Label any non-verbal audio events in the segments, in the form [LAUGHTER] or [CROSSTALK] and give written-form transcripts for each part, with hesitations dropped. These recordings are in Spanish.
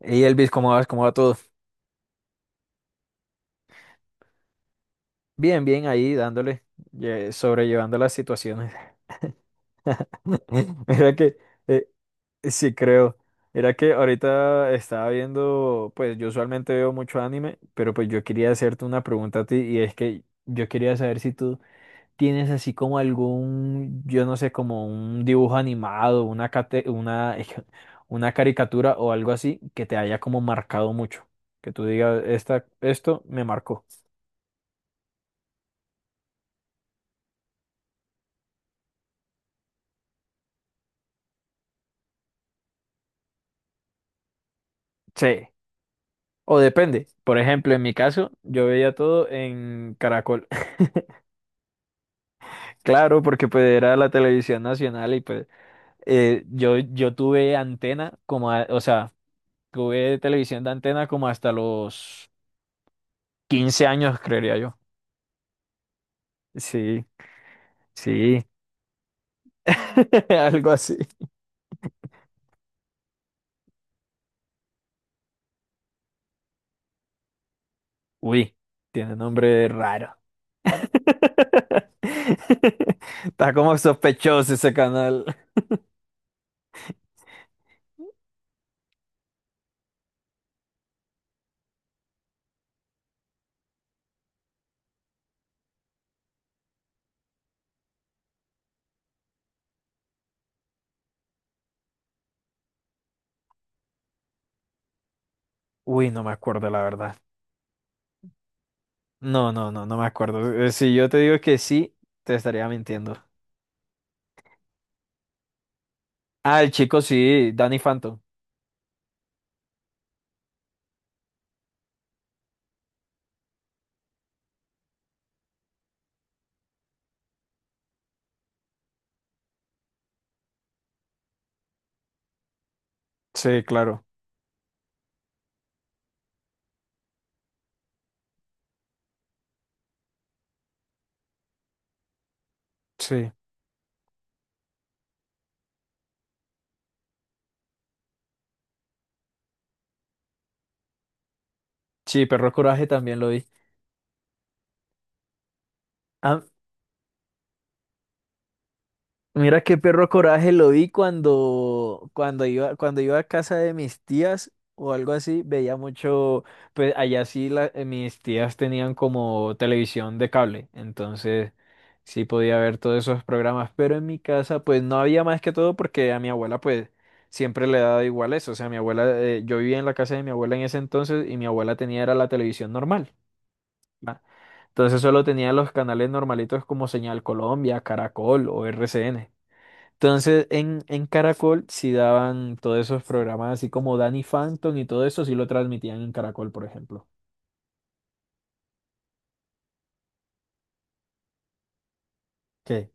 Y Elvis, ¿cómo vas? ¿Cómo va todo? Bien, bien, ahí dándole, sobrellevando las situaciones. [LAUGHS] Mira que, eh, sí creo, era que ahorita estaba viendo, pues yo usualmente veo mucho anime, pero pues yo quería hacerte una pregunta a ti y es que yo quería saber si tú tienes así como algún, yo no sé, como un dibujo animado, una, [LAUGHS] una caricatura o algo así que te haya como marcado mucho, que tú digas, esta, esto me marcó. Sí. O depende. Por ejemplo, en mi caso, yo veía todo en Caracol. [LAUGHS] Claro, porque pues era la televisión nacional y pues yo tuve antena como, o sea, tuve televisión de antena como hasta los 15 años, creería yo. Sí, sí, [LAUGHS] algo así. Uy, tiene nombre raro. [LAUGHS] Está como sospechoso ese canal. Uy, no me acuerdo, la verdad. No, no, no, no me acuerdo. Si yo te digo que sí, te estaría mintiendo. Ah, el chico sí, Danny Phantom. Sí, claro. Sí. Sí, Perro Coraje también lo vi. Ah, mira qué perro coraje lo vi cuando, cuando iba a casa de mis tías o algo así, veía mucho, pues allá sí mis tías tenían como televisión de cable, entonces sí podía ver todos esos programas, pero en mi casa pues no había más que todo porque a mi abuela pues siempre le daba igual eso, o sea, mi abuela, yo vivía en la casa de mi abuela en ese entonces y mi abuela tenía era la televisión normal, entonces solo tenía los canales normalitos como Señal Colombia, Caracol o RCN. Entonces, en Caracol sí daban todos esos programas, así como Danny Phantom y todo eso, sí lo transmitían en Caracol, por ejemplo. ¿Qué?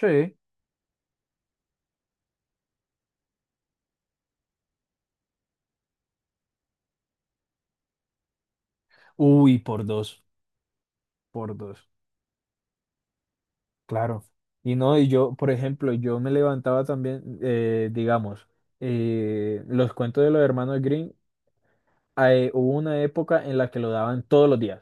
Sí. Uy, por dos, claro. Y no, y yo, por ejemplo, yo me levantaba también, digamos, los cuentos de los hermanos Green hubo una época en la que lo daban todos los días.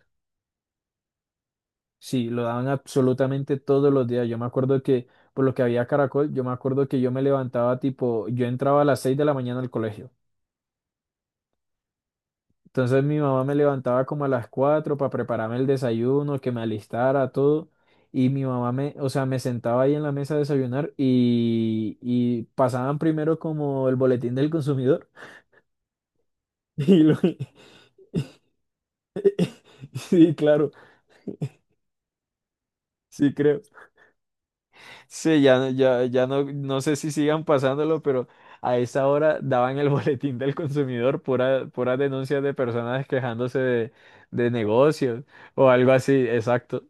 Sí, lo daban absolutamente todos los días. Yo me acuerdo que, por lo que había Caracol, yo me acuerdo que yo me levantaba tipo, yo entraba a las 6 de la mañana al colegio. Entonces mi mamá me levantaba como a las 4 para prepararme el desayuno, que me alistara, todo. Y mi mamá me, o sea, me sentaba ahí en la mesa a desayunar y pasaban primero como el boletín del consumidor. [LAUGHS] Y, [LAUGHS] sí, claro, sí creo. Sí, ya, ya no, no sé si sigan pasándolo, pero a esa hora daban el [LAUGHS] boletín del consumidor, pura, puras denuncias de personas quejándose de negocios o algo así, exacto.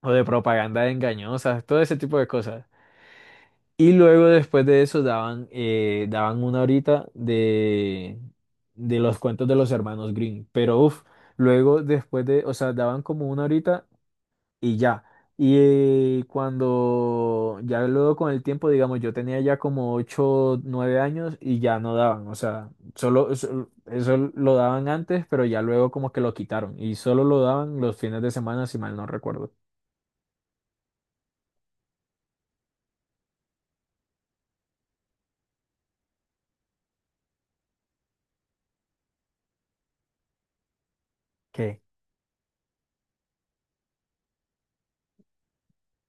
O de propaganda engañosa todo ese tipo de cosas. Y luego después de eso daban, daban una horita de los cuentos de los hermanos Green. Pero uff, luego después de, o sea, daban como una horita y ya. Y cuando ya luego con el tiempo, digamos, yo tenía ya como 8 9 años y ya no daban, o sea, solo eso, eso lo daban antes, pero ya luego como que lo quitaron y solo lo daban los fines de semana, si mal no recuerdo.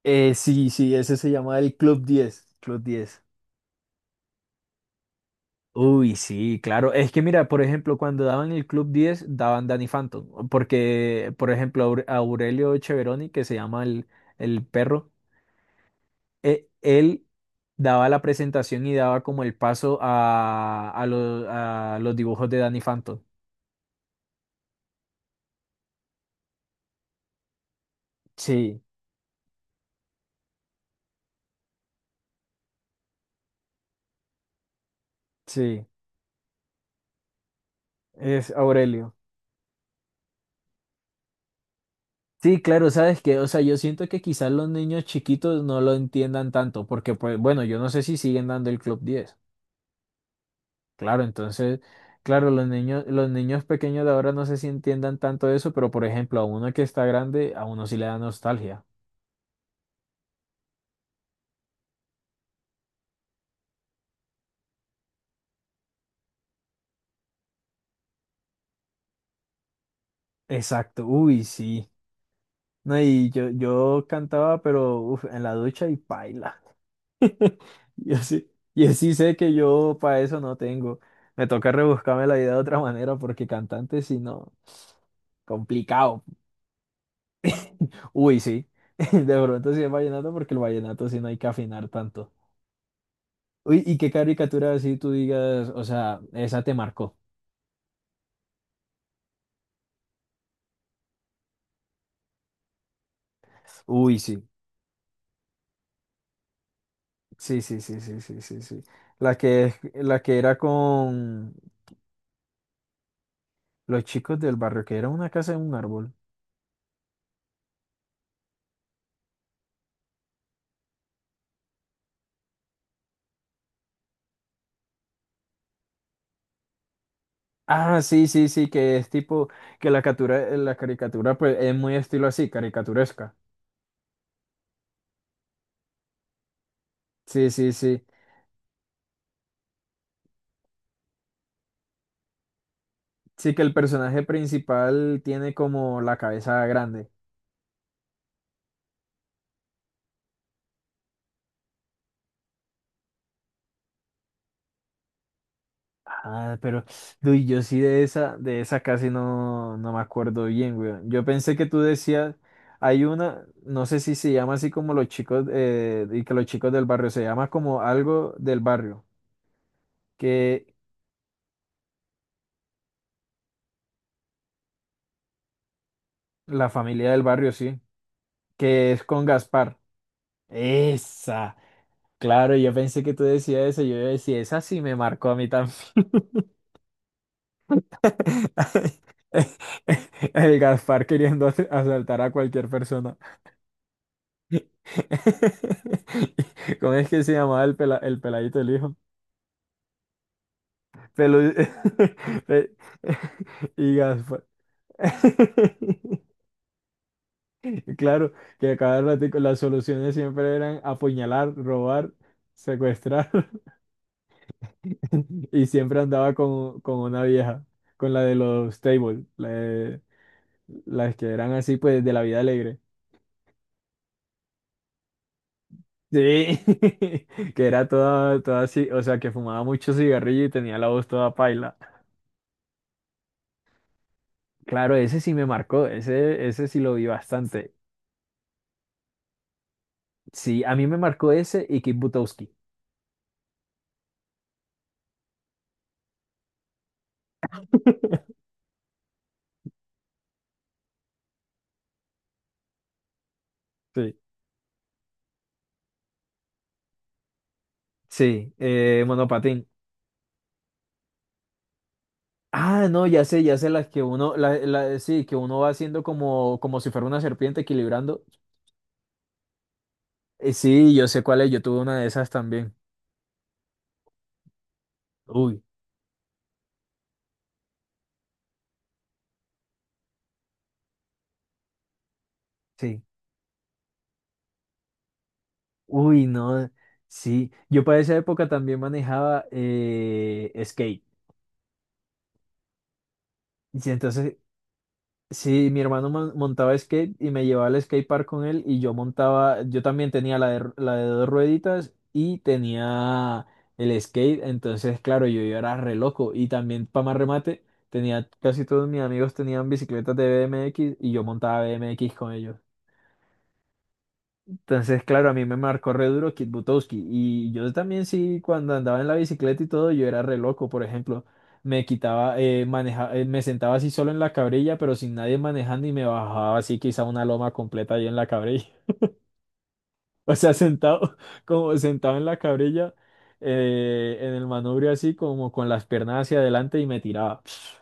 Sí, sí, ese se llama el Club Diez, Club Diez. Uy, sí, claro. Es que mira, por ejemplo, cuando daban el Club Diez daban Danny Phantom. Porque, por ejemplo, Aurelio Cheveroni, que se llama el perro, él daba la presentación y daba como el paso a los dibujos de Danny Phantom. Sí, sí, es Aurelio. Sí, claro, sabes que, o sea, yo siento que quizás los niños chiquitos no lo entiendan tanto, porque pues, bueno, yo no sé si siguen dando el Club Diez. Claro, entonces, claro, los niños pequeños de ahora no sé si entiendan tanto eso, pero por ejemplo, a uno que está grande, a uno sí le da nostalgia. Exacto, uy, sí. No, y yo cantaba, pero uf, en la ducha y paila. [LAUGHS] Yo sí, yo sí sé que yo para eso no tengo. Me toca rebuscarme la vida de otra manera porque cantante si no, complicado. Uy, sí. [LAUGHS] De pronto sí es vallenato porque el vallenato sí no hay que afinar tanto. Uy, ¿y qué caricatura así tú digas, o sea, esa te marcó? Uy, sí, sí, sí, sí, sí, sí, sí, sí. La que era con los chicos del barrio, que era una casa en un árbol. Ah, sí, sí, sí, que es tipo, que la captura, la caricatura, pues, es muy estilo así, caricaturesca. Sí, sí, sí. Sí, que el personaje principal tiene como la cabeza grande. Ah, pero uy, yo sí de esa casi no, no me acuerdo bien, güey. Yo pensé que tú decías, hay una, no sé si se llama así como los chicos, y que los chicos del barrio, se llama como algo del barrio, que la familia del barrio, sí, que es con Gaspar. Esa, claro, yo pensé que tú decías eso, yo decía, esa sí me marcó a mí también. [LAUGHS] El Gaspar queriendo asaltar a cualquier persona. [LAUGHS] ¿Cómo es que se llamaba el, el peladito el hijo? Pelu... [LAUGHS] Pe- [LAUGHS] y Gaspar. [LAUGHS] Claro, que a cada ratico las soluciones siempre eran apuñalar, robar, secuestrar. [LAUGHS] Y siempre andaba con una vieja, con la de los tables, la de- las que eran así pues de la vida alegre. Sí, [LAUGHS] que era toda, toda así, o sea, que fumaba mucho cigarrillo y tenía la voz toda paila. Claro, ese sí me marcó, ese sí lo vi bastante. Sí, a mí me marcó ese y Kit Butowski. [LAUGHS] Sí. Sí, monopatín. Ah, no, ya sé las que uno, la, sí, que uno va haciendo como, como si fuera una serpiente equilibrando. Sí, yo sé cuál es, yo tuve una de esas también. Uy, sí. Uy, no, sí. Yo para esa época también manejaba skate. Y entonces sí, mi hermano montaba skate y me llevaba al skate park con él y yo montaba, yo también tenía la de, la de dos rueditas y tenía el skate, entonces claro, yo era re loco y también para más remate, tenía casi todos mis amigos tenían bicicletas de BMX y yo montaba BMX con ellos. Entonces, claro, a mí me marcó re duro Kit Butowski. Y yo también sí, cuando andaba en la bicicleta y todo, yo era re loco. Por ejemplo, me quitaba, me sentaba así solo en la cabrilla, pero sin nadie manejando y me bajaba así quizá una loma completa yo en la cabrilla. [LAUGHS] O sea, sentado, [LAUGHS] como sentado en la cabrilla, en el manubrio así, como con las piernas hacia adelante y me tiraba. [SNIFFS]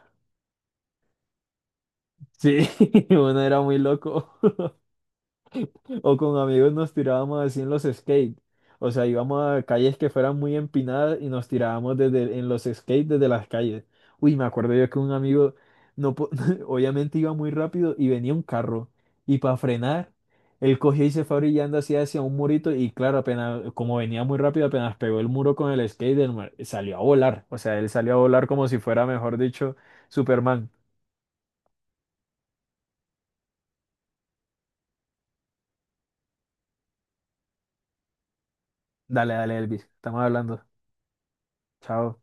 Sí, [LAUGHS] uno era muy loco. O con amigos nos tirábamos así en los skates. O sea, íbamos a calles que fueran muy empinadas y nos tirábamos desde, en los skates desde las calles. Uy, me acuerdo yo que un amigo, no, [LAUGHS] obviamente iba muy rápido y venía un carro. Y para frenar, él cogió y se fue brillando así hacia un murito. Y claro, apenas, como venía muy rápido, apenas pegó el muro con el skate, salió a volar. O sea, él salió a volar como si fuera, mejor dicho, Superman. Dale, dale, Elvis. Estamos hablando. Chao.